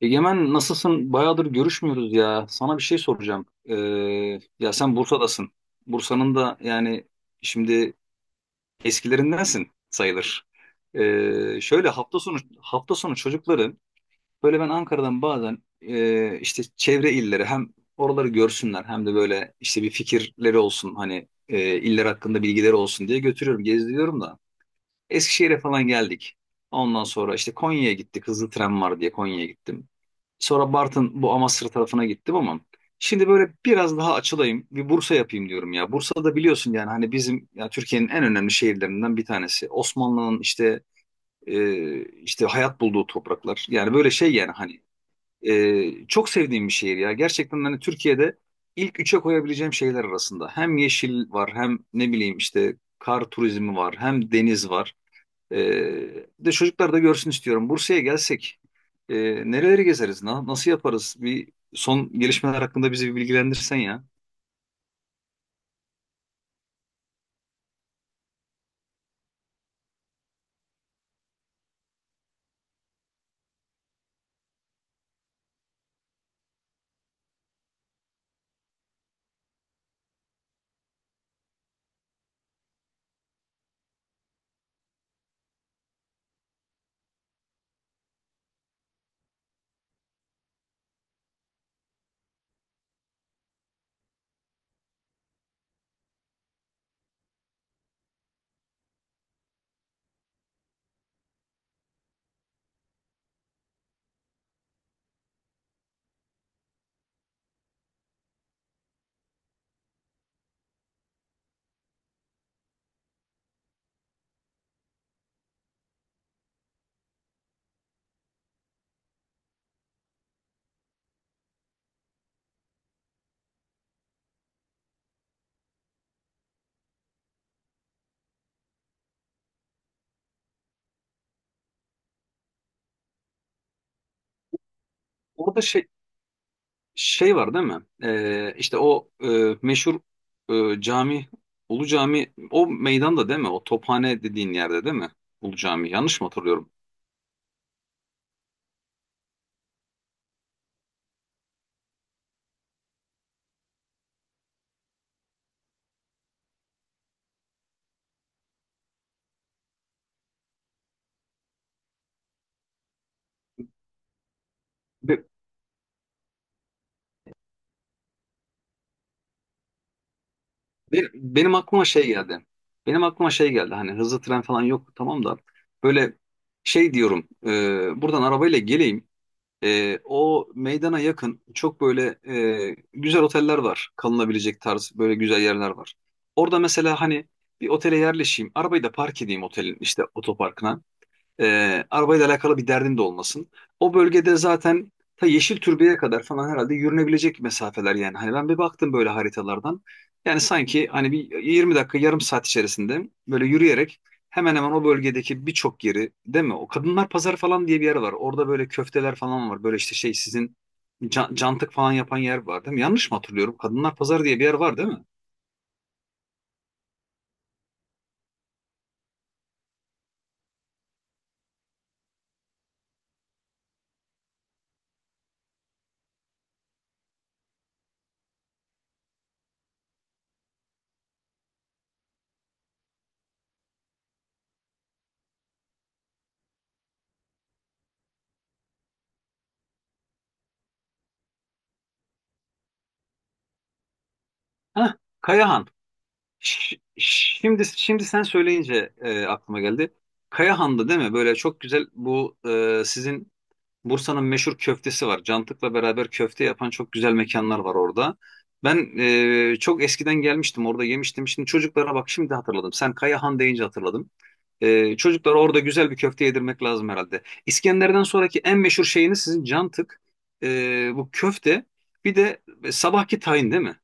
Egemen nasılsın? Bayağıdır görüşmüyoruz ya. Sana bir şey soracağım. Ya sen Bursa'dasın. Bursa'nın da şimdi eskilerindensin sayılır. Şöyle hafta sonu hafta sonu çocukları böyle ben Ankara'dan bazen işte çevre illeri hem oraları görsünler hem de böyle işte bir fikirleri olsun hani iller hakkında bilgileri olsun diye götürüyorum, gezdiriyorum da. Eskişehir'e falan geldik. Ondan sonra işte Konya'ya gittik. Hızlı tren var diye Konya'ya gittim. Sonra Bartın, bu Amasra tarafına gittim ama şimdi böyle biraz daha açılayım. Bir Bursa yapayım diyorum ya. Bursa'da biliyorsun yani hani bizim, ya Türkiye'nin en önemli şehirlerinden bir tanesi. Osmanlı'nın işte hayat bulduğu topraklar. Yani böyle şey yani hani çok sevdiğim bir şehir ya. Gerçekten hani Türkiye'de ilk üçe koyabileceğim şehirler arasında. Hem yeşil var, hem ne bileyim işte kar turizmi var, hem deniz var. De çocuklar da görsün istiyorum. Bursa'ya gelsek e, nereleri gezeriz? Nasıl yaparız? Bir son gelişmeler hakkında bizi bir bilgilendirsen ya. Orada şey var değil mi? İşte o meşhur cami, Ulu Cami, o meydanda değil mi? O Tophane dediğin yerde değil mi? Ulu Cami. Yanlış mı hatırlıyorum? Be- Benim aklıma şey geldi. Benim aklıma şey geldi. Hani hızlı tren falan yok tamam da böyle şey diyorum. Buradan arabayla geleyim. O meydana yakın çok böyle güzel oteller var. Kalınabilecek tarz böyle güzel yerler var. Orada mesela hani bir otele yerleşeyim. Arabayı da park edeyim otelin işte otoparkına. E, arabayla alakalı bir derdin de olmasın. O bölgede zaten ta Yeşil Türbe'ye kadar falan herhalde yürünebilecek mesafeler yani. Hani ben bir baktım böyle haritalardan. Yani sanki hani bir 20 dakika, yarım saat içerisinde böyle yürüyerek hemen hemen o bölgedeki birçok yeri, değil mi? O Kadınlar Pazarı falan diye bir yer var. Orada böyle köfteler falan var. Böyle işte şey sizin cantık falan yapan yer var değil mi? Yanlış mı hatırlıyorum? Kadınlar Pazarı diye bir yer var değil mi? Heh, Kayahan. Şimdi sen söyleyince aklıma geldi. Kayahan'da değil mi? Böyle çok güzel bu sizin Bursa'nın meşhur köftesi var. Cantık'la beraber köfte yapan çok güzel mekanlar var orada. Ben çok eskiden gelmiştim, orada yemiştim. Şimdi çocuklara, bak şimdi hatırladım. Sen Kayahan deyince hatırladım. E, çocuklara orada güzel bir köfte yedirmek lazım herhalde. İskender'den sonraki en meşhur şeyiniz sizin Cantık. E, bu köfte bir de sabahki tayin değil mi?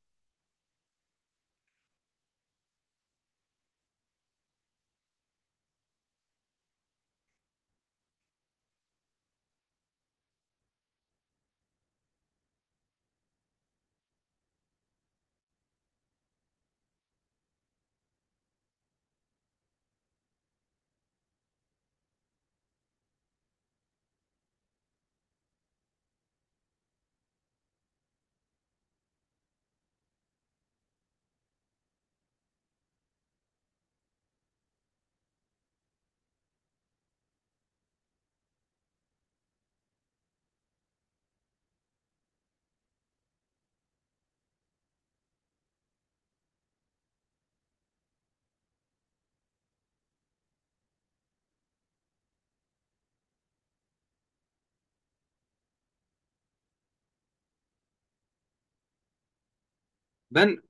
Ben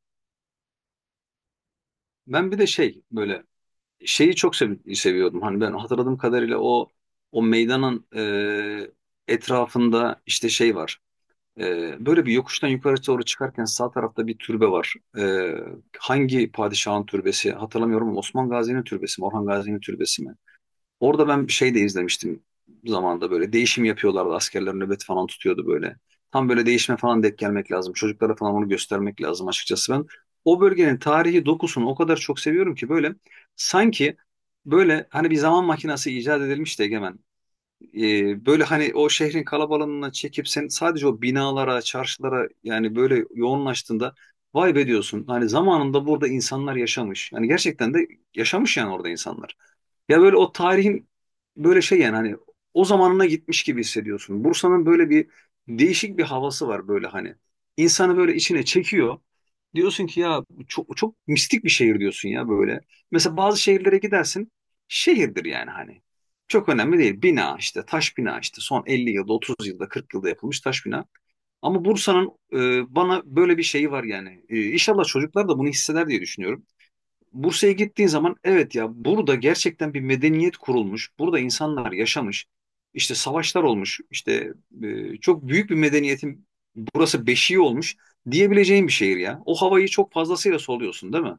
ben bir de şey böyle şeyi çok seviyordum. Hani ben hatırladığım kadarıyla o meydanın etrafında işte şey var. E, böyle bir yokuştan yukarı doğru çıkarken sağ tarafta bir türbe var. E, hangi padişahın türbesi hatırlamıyorum ama Osman Gazi'nin türbesi mi, Orhan Gazi'nin türbesi mi? Orada ben şey de izlemiştim, zamanda böyle değişim yapıyorlardı. Askerler nöbet falan tutuyordu böyle. Tam böyle değişime falan denk gelmek lazım. Çocuklara falan onu göstermek lazım açıkçası ben. O bölgenin tarihi dokusunu o kadar çok seviyorum ki böyle sanki böyle hani bir zaman makinesi icat edilmiş de, Egemen. Böyle hani o şehrin kalabalığına çekip sen sadece o binalara, çarşılara yani böyle yoğunlaştığında, vay be diyorsun. Hani zamanında burada insanlar yaşamış. Yani gerçekten de yaşamış yani orada insanlar. Ya böyle o tarihin böyle şey yani hani o zamanına gitmiş gibi hissediyorsun. Bursa'nın böyle bir değişik bir havası var böyle hani. İnsanı böyle içine çekiyor. Diyorsun ki ya bu çok çok mistik bir şehir, diyorsun ya böyle. Mesela bazı şehirlere gidersin. Şehirdir yani hani. Çok önemli değil. Bina işte taş bina, işte son 50 yılda, 30 yılda, 40 yılda yapılmış taş bina. Ama Bursa'nın bana böyle bir şeyi var yani. E, İnşallah çocuklar da bunu hisseder diye düşünüyorum. Bursa'ya gittiğin zaman, evet ya, burada gerçekten bir medeniyet kurulmuş. Burada insanlar yaşamış. İşte savaşlar olmuş. İşte çok büyük bir medeniyetin burası beşiği olmuş diyebileceğin bir şehir ya. O havayı çok fazlasıyla soluyorsun değil mi?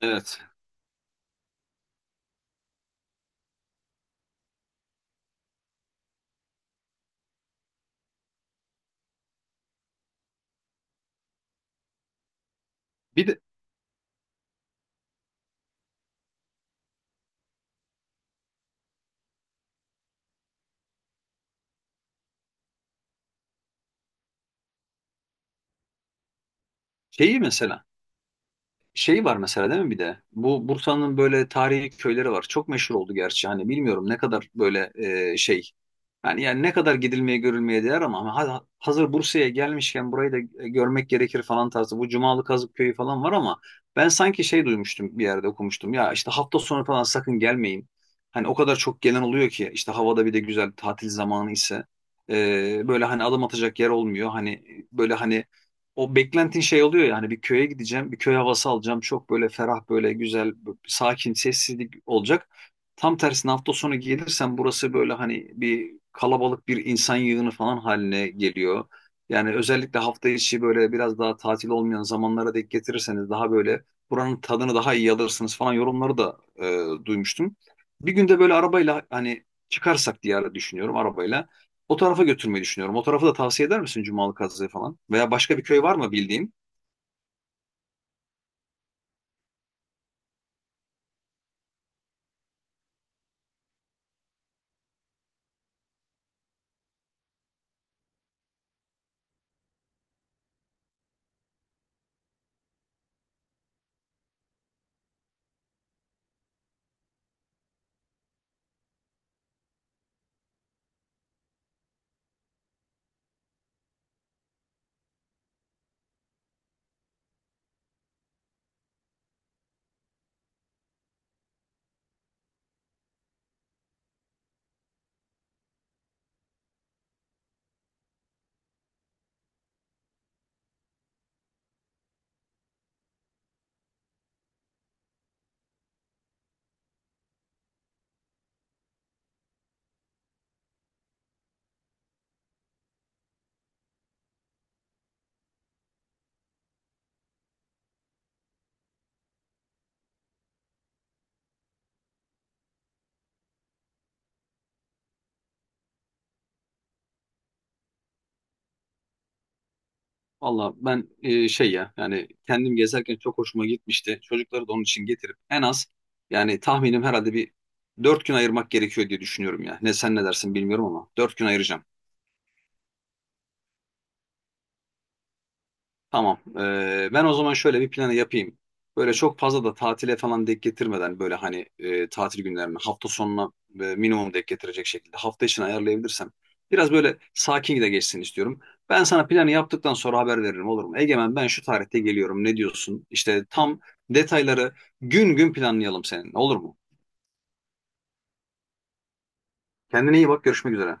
Evet. Bir de şeyi mesela şey var mesela değil mi bir de? Bu Bursa'nın böyle tarihi köyleri var. Çok meşhur oldu gerçi. Hani bilmiyorum ne kadar böyle şey. Yani ne kadar gidilmeye, görülmeye değer ama hazır Bursa'ya gelmişken burayı da görmek gerekir falan tarzı. Bu Cumalı Kazık Köyü falan var ama ben sanki şey duymuştum, bir yerde okumuştum. Ya işte hafta sonu falan sakın gelmeyin. Hani o kadar çok gelen oluyor ki işte havada, bir de güzel tatil zamanı ise böyle hani adım atacak yer olmuyor. Hani böyle hani o beklentin şey oluyor yani bir köye gideceğim, bir köy havası alacağım. Çok böyle ferah, böyle güzel, sakin, sessizlik olacak. Tam tersine hafta sonu gelirsen burası böyle hani bir kalabalık, bir insan yığını falan haline geliyor. Yani özellikle hafta içi böyle biraz daha tatil olmayan zamanlara denk getirirseniz daha böyle buranın tadını daha iyi alırsınız falan yorumları da duymuştum. Bir günde böyle arabayla hani çıkarsak diye düşünüyorum arabayla. O tarafa götürmeyi düşünüyorum. O tarafı da tavsiye eder misin, Cumalı Kazı'yı falan? Veya başka bir köy var mı bildiğin? Valla ben şey ya, yani kendim gezerken çok hoşuma gitmişti. Çocukları da onun için getirip en az yani tahminim herhalde bir dört gün ayırmak gerekiyor diye düşünüyorum ya. Ne, sen ne dersin bilmiyorum ama dört gün ayıracağım. Tamam. Ben o zaman şöyle bir planı yapayım. Böyle çok fazla da tatile falan denk getirmeden böyle hani tatil günlerine, hafta sonuna minimum denk getirecek şekilde hafta içine ayarlayabilirsem biraz böyle sakin de geçsin istiyorum. Ben sana planı yaptıktan sonra haber veririm, olur mu? Egemen, ben şu tarihte geliyorum, ne diyorsun? İşte tam detayları gün gün planlayalım seninle, olur mu? Kendine iyi bak, görüşmek üzere.